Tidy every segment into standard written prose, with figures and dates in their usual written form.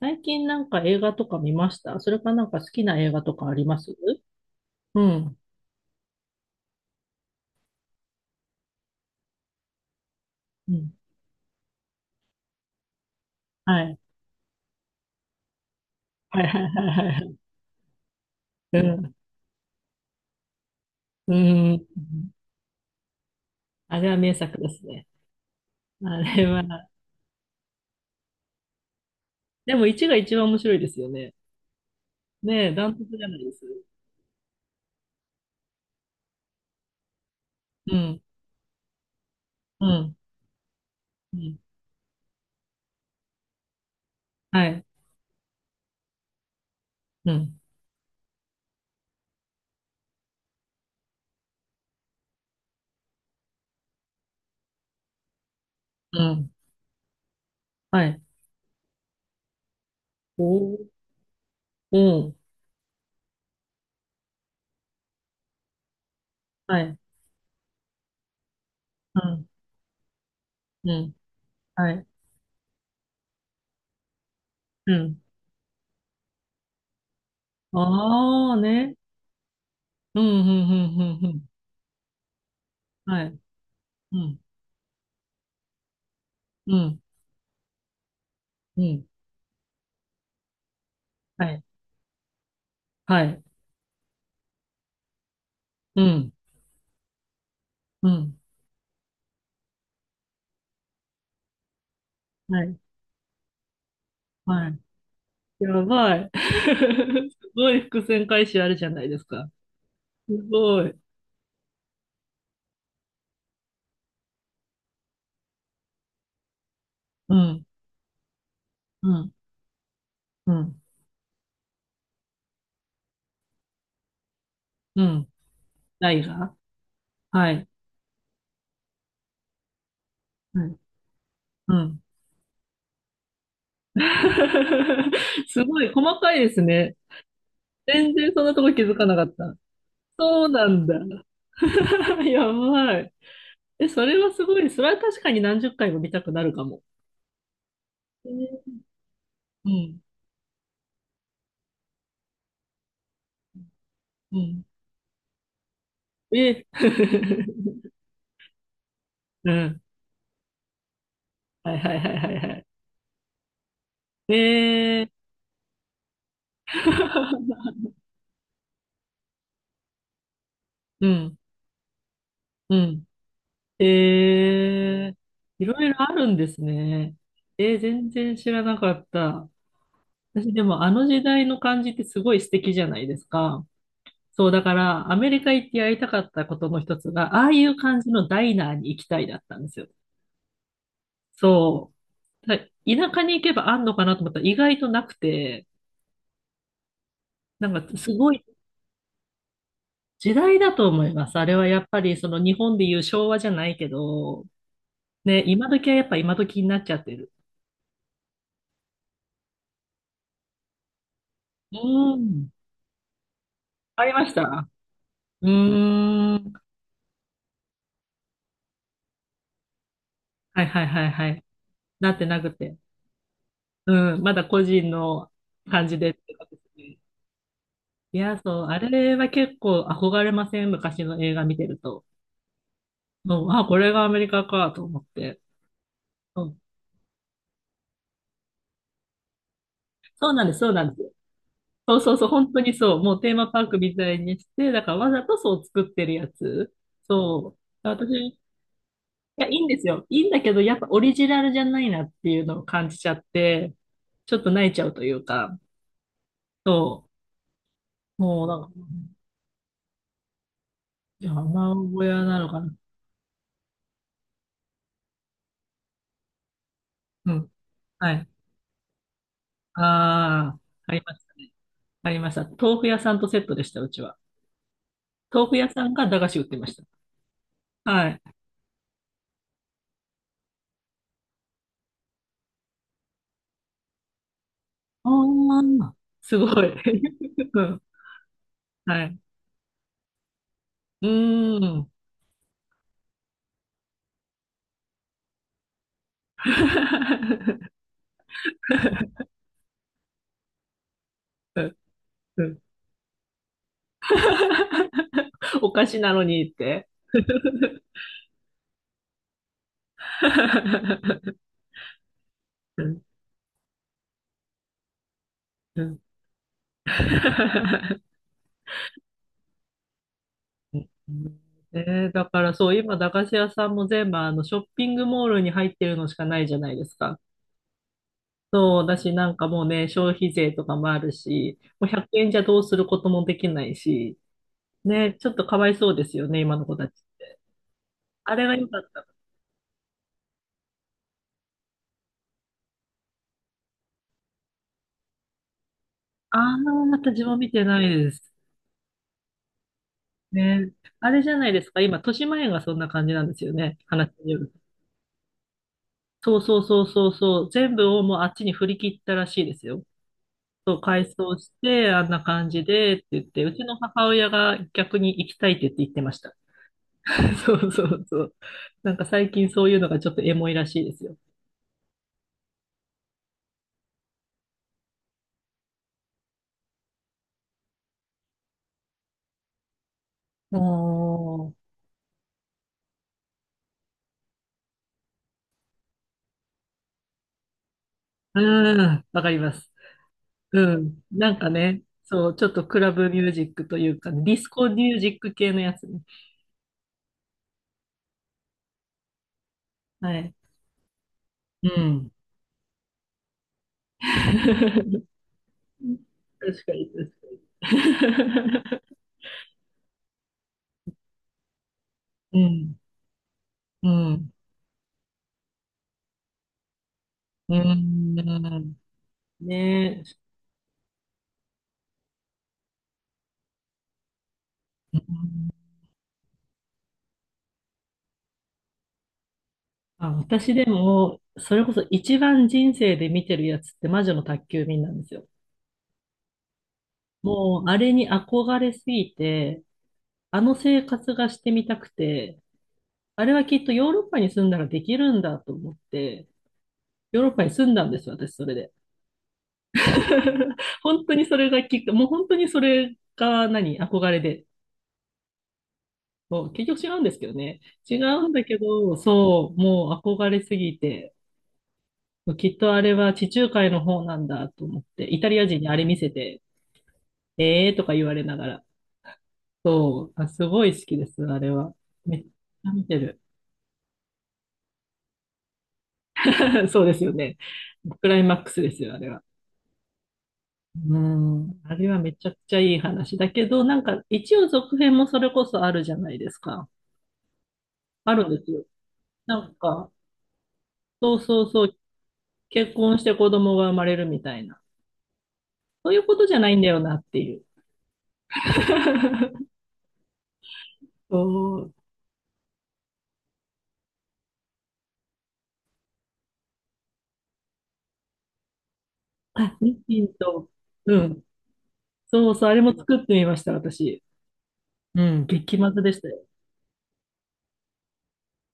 最近なんか映画とか見ましたそれかなんか好きな映画とかありますうん。うん。はい。はいはいはいはい。うん。うん。あれは名作ですね。あれは。でも1が一番面白いですよね。ねえ、ダントツじゃないですうん。うん。うん。はい。うん。うん。はい。おー。うん。はい。うん。うん。はい。うん。ああね。うん。うん。うん。うん。うん、はい。うん。うん。うん。はい。はい。うん。うん。はい。はい。やばい。すごい伏線回収あるじゃないですか。すごい。うん。うん。うん。うん。ないがはい。はい。うん。すごい細かいですね。全然そんなとこ気づかなかった。そうなんだ。やばい。え、それはすごい。それは確かに何十回も見たくなるかも。えー、うん。うん。え。 うん。はいはいはいはいはい。えー。 うん、うん。えー、いろいろあるんですね。えー、全然知らなかった。私でもあの時代の感じってすごい素敵じゃないですか。そう、だからアメリカ行ってやりたかったことの一つが、ああいう感じのダイナーに行きたいだったんですよ。そう。田舎に行けばあんのかなと思ったら意外となくて、なんかすごい時代だと思います。あれはやっぱりその日本でいう昭和じゃないけど、ね、今時はやっぱ今時になっちゃってる。うん。ありました。うーん。はいはいはいはい。なってなくて。うん。まだ個人の感じでってことですね。いや、そう。あれは結構憧れません？昔の映画見てると。もう、あ、これがアメリカかと思って。うん。そうなんです、そうなんです。そうそうそう。本当にそう。もうテーマパークみたいにして、だからわざとそう作ってるやつ。そう。私、いや、いいんですよ。いいんだけど、やっぱオリジナルじゃないなっていうのを感じちゃって、ちょっと泣いちゃうというか。そう。もう、なんか、山小屋なのかな。うん。はい。ああ、ありましたね。ありました。豆腐屋さんとセットでした、うちは。豆腐屋さんが駄菓子売ってました。はい。ああ、すごい。うん。はい。うーん。うん、お菓子なのにって。うん、うん。 えー、だからそう、今、駄菓子屋さんも全部あのショッピングモールに入ってるのしかないじゃないですか。そう、だし、なんかもうね、消費税とかもあるし、もう100円じゃどうすることもできないし、ね、ちょっとかわいそうですよね、今の子たち。あれが良かった。ああ、私も見てないです。ね。あれじゃないですか、今、豊島園がそんな感じなんですよね、話によると。そうそうそうそうそう、全部をもうあっちに振り切ったらしいですよ。そう、改装して、あんな感じでって言って、うちの母親が逆に行きたいって言って言ってました。そうそうそう。なんか最近そういうのがちょっとエモいらしいですよ。おー、うん、わかります。うん。なんかね、そう、ちょっとクラブミュージックというかね、ディスコミュージック系のやつね。はい。うん。確かに、確かに。うん、うん、うん。ねえ。うん、あ、私でも、それこそ一番人生で見てるやつって魔女の宅急便なんですよ。もう、あれに憧れすぎて、あの生活がしてみたくて、あれはきっとヨーロッパに住んだらできるんだと思って、ヨーロッパに住んだんですよ、私、それで。本当にそれがきっか、もう本当にそれが何、憧れで。もう結局違うんですけどね。違うんだけど、そう、もう憧れすぎて、きっとあれは地中海の方なんだと思って、イタリア人にあれ見せて、えーとか言われながら。そう、あ、すごい好きです、あれは。めっちゃ見てる。そうですよね。クライマックスですよ、あれは。うん。あれはめちゃくちゃいい話だけど、なんか一応続編もそれこそあるじゃないですか。あるんですよ。なんか、そうそうそう、結婚して子供が生まれるみたいな。そういうことじゃないんだよなっていう。そう。あ、ミシンと、うん。そうそう、あれも作ってみました、私。うん、激まずでしたよ。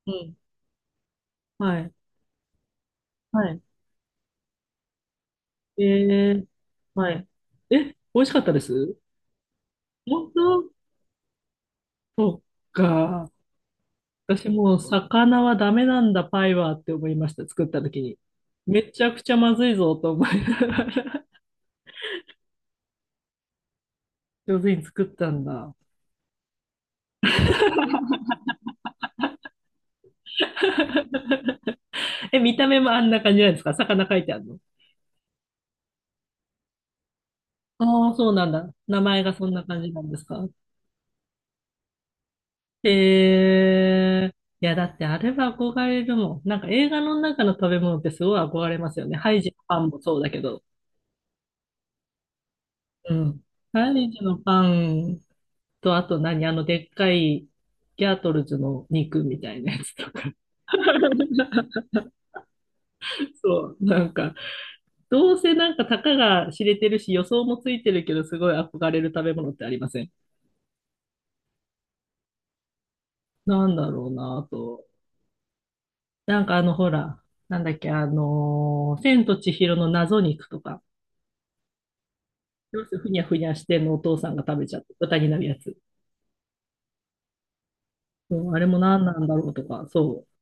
うん。はい。はい。えー、はい。え、美味しかったです本当？そっか。私もう魚はダメなんだ、パイはって思いました、作った時に。めちゃくちゃまずいぞと思いながら。 上手に作ったんだ。え、見た目もあんな感じなんですか？魚書いてあるの？ああ、そうなんだ。名前がそんな感じなんですか？えー。いや、だってあれは憧れるもん。なんか映画の中の食べ物ってすごい憧れますよね。ハイジのパンもそうだけど。うん。ハイジのパンと、あと何あの、でっかいギャートルズの肉みたいなやつとか。そう、なんか、どうせなんかたかが知れてるし、予想もついてるけど、すごい憧れる食べ物ってありません？なんだろうな、あと。なんかあの、ほら、なんだっけ、あの、千と千尋の謎肉とか。要するにふにゃふにゃしてんのお父さんが食べちゃって、豚になるやつ。うん、あれも何なんだろうとか、そう。